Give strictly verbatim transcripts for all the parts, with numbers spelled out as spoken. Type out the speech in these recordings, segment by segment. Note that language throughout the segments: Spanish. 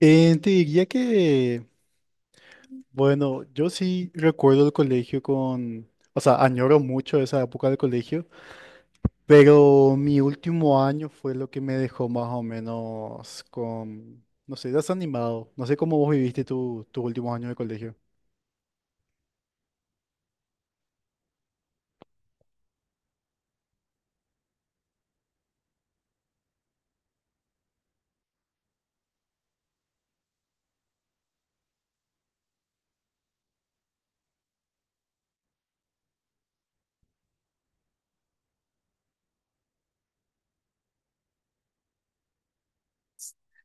Eh, te diría que, bueno, yo sí recuerdo el colegio con, o sea, añoro mucho esa época del colegio, pero mi último año fue lo que me dejó más o menos con, no sé, desanimado. No sé cómo vos viviste tu, tus últimos años de colegio.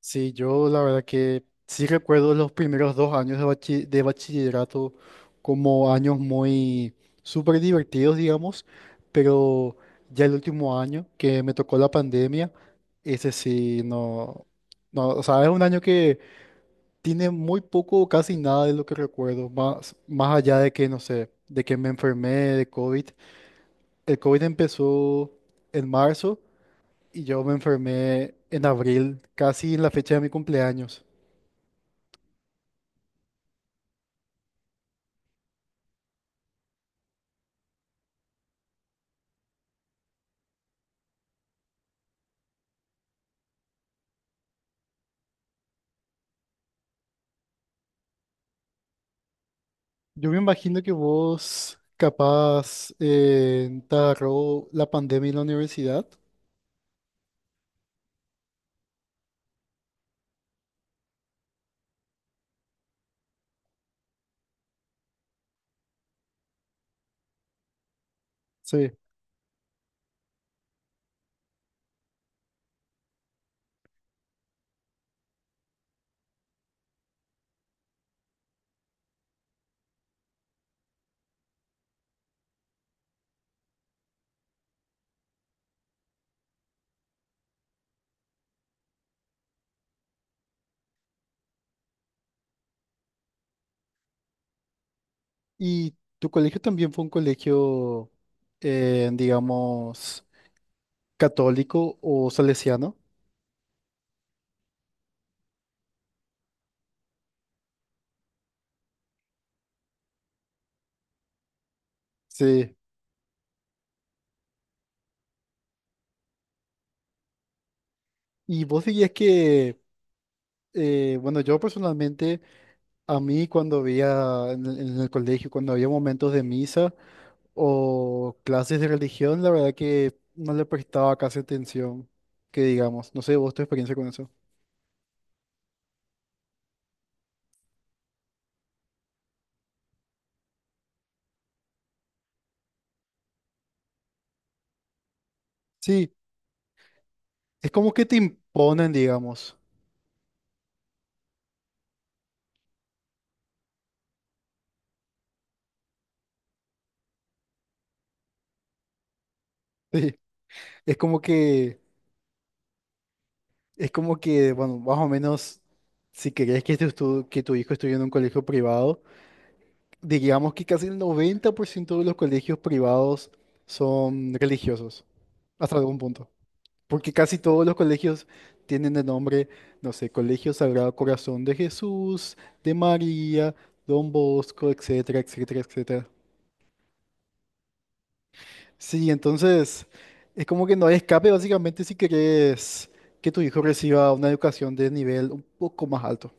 Sí, yo la verdad que sí recuerdo los primeros dos años de, bachi- de bachillerato como años muy súper divertidos, digamos, pero ya el último año que me tocó la pandemia, ese sí, no, no, o sea, es un año que tiene muy poco o casi nada de lo que recuerdo, más, más allá de que, no sé, de que me enfermé de COVID. El COVID empezó en marzo y yo me enfermé en abril, casi en la fecha de mi cumpleaños. Yo me imagino que vos capaz eh, te agarró la pandemia en la universidad. Sí. Y tu colegio también fue un colegio, eh, digamos, católico o salesiano. Sí. Y vos dirías que, eh, bueno, yo personalmente, a mí cuando había en el, en el colegio, cuando había momentos de misa o clases de religión, la verdad que no le prestaba casi atención, que digamos, no sé, vos tu experiencia con eso. Sí. Es como que te imponen, digamos. Sí. Es como que, es como que, bueno, más o menos, si querés que, tu, tu- que tu hijo estudie en un colegio privado, digamos que casi el noventa por ciento de los colegios privados son religiosos, hasta algún punto. Porque casi todos los colegios tienen el nombre, no sé, Colegio Sagrado Corazón de Jesús, de María, Don Bosco, etcétera, etcétera, etcétera. Sí, entonces es como que no hay escape básicamente si querés que tu hijo reciba una educación de nivel un poco más alto.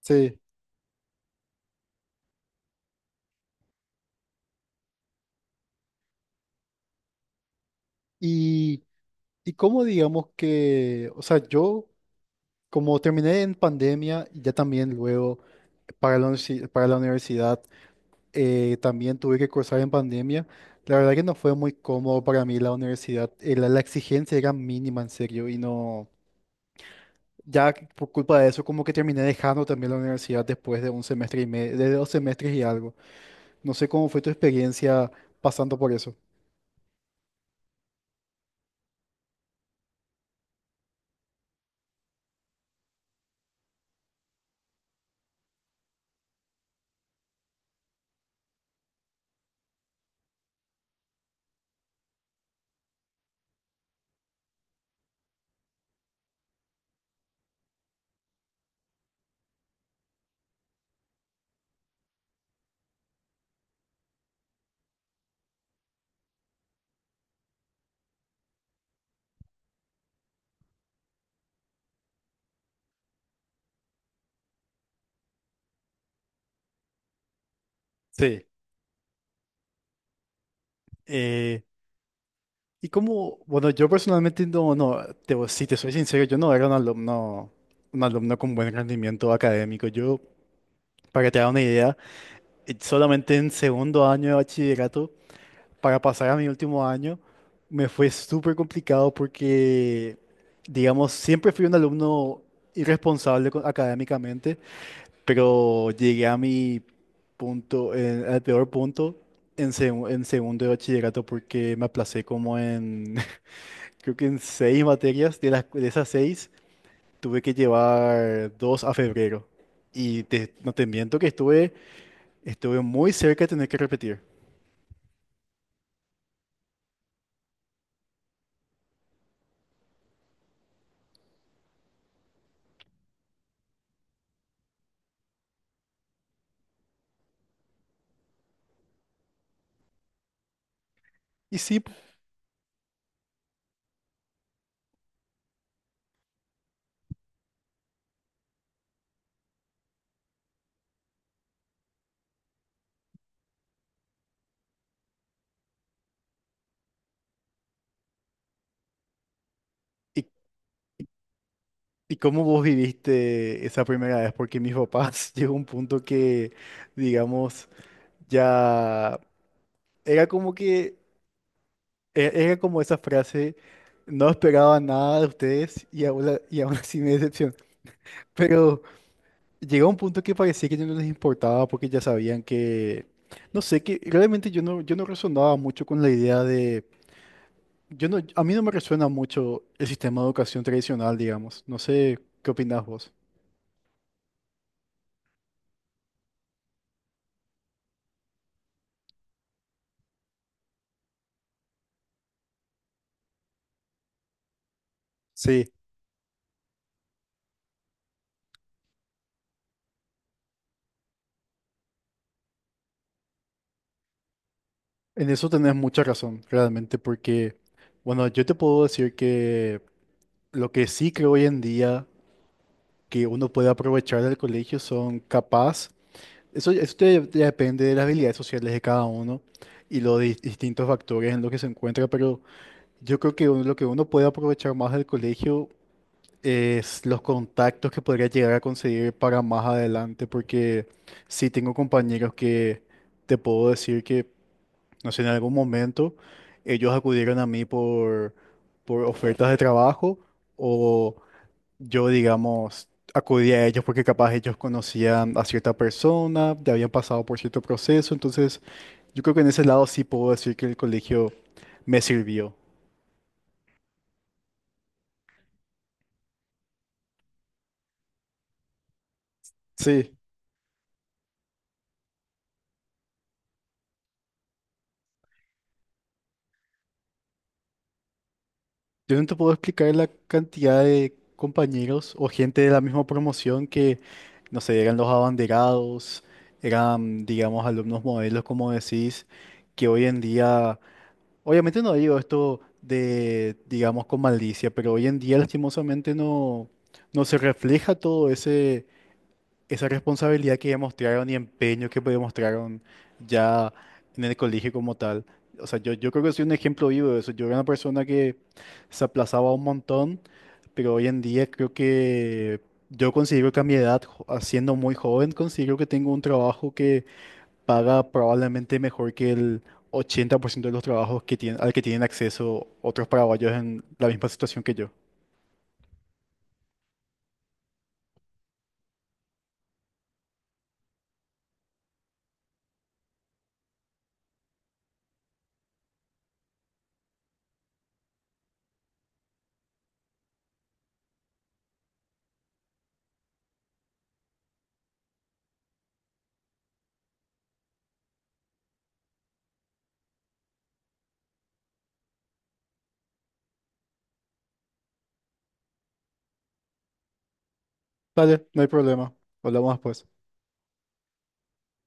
Sí. Y, y como digamos que, o sea, yo como terminé en pandemia y ya también luego para la, universi- para la universidad, eh, también tuve que cursar en pandemia. La verdad que no fue muy cómodo para mí la universidad, eh, la, la exigencia era mínima en serio y no... Ya que por culpa de eso, como que terminé dejando también la universidad después de un semestre y medio, de dos semestres y algo. No sé cómo fue tu experiencia pasando por eso. Sí. eh, y como, bueno, yo personalmente no, no, te, voy- si te soy sincero, yo no era un alumno, un alumno con buen rendimiento académico. Yo, para que te haga una idea, eh, solamente en segundo año de bachillerato, para pasar a mi último año, me fue súper complicado porque, digamos, siempre fui un alumno irresponsable co- académicamente, pero llegué a mi punto, eh, al peor punto en, segu- en segundo de bachillerato porque me aplacé como en, creo que en seis materias. De las, cu- de esas seis tuve que llevar dos a febrero. Y te- no te miento que estuve, estuve muy cerca de tener que repetir. Y sí. ¿Y cómo vos viviste esa primera vez? Porque mis papás llegó un punto que, digamos, ya era como que, e- era como esa frase, no esperaba nada de ustedes y aún, la- y aún así me decepcionó. Pero llegó un punto que parecía que ya no les importaba porque ya sabían que, no sé, que realmente yo no, yo no resonaba mucho con la idea de, yo no, a mí no me resuena mucho el sistema de educación tradicional, digamos. No sé, ¿qué opinás vos? Sí. En eso tenés mucha razón, realmente, porque, bueno, yo te puedo decir que lo que sí creo hoy en día que uno puede aprovechar del colegio son capaz, eso, eso ya ya depende de las habilidades sociales de cada uno y los dis- distintos factores en los que se encuentra, pero yo creo que uno- lo que uno puede aprovechar más del colegio es los contactos que podría llegar a conseguir para más adelante, porque sí tengo compañeros que te puedo decir que... No sé, en algún momento ellos acudieron a mí por, por ofertas de trabajo o yo, digamos, acudí a ellos porque capaz ellos conocían a cierta persona, ya habían pasado por cierto proceso. Entonces, yo creo que en ese lado sí puedo decir que el colegio me sirvió. Sí, yo no te puedo explicar la cantidad de compañeros o gente de la misma promoción que, no sé, eran los abanderados, eran, digamos, alumnos modelos, como decís, que hoy en día, obviamente no digo esto de, digamos, con malicia, pero hoy en día lastimosamente no, no se refleja todo ese, esa responsabilidad que demostraron y empeño que demostraron ya en el colegio como tal. O sea, yo, yo creo que soy un ejemplo vivo de eso. Yo era una persona que se aplazaba un montón, pero hoy en día creo que yo considero que a mi edad, jo- siendo muy joven, considero que tengo un trabajo paga probablemente mejor que el ochenta por ciento de los trabajos que tienen, al que tienen acceso otros paraguayos en la misma situación que yo. Dale, no hay problema. Hablamos después.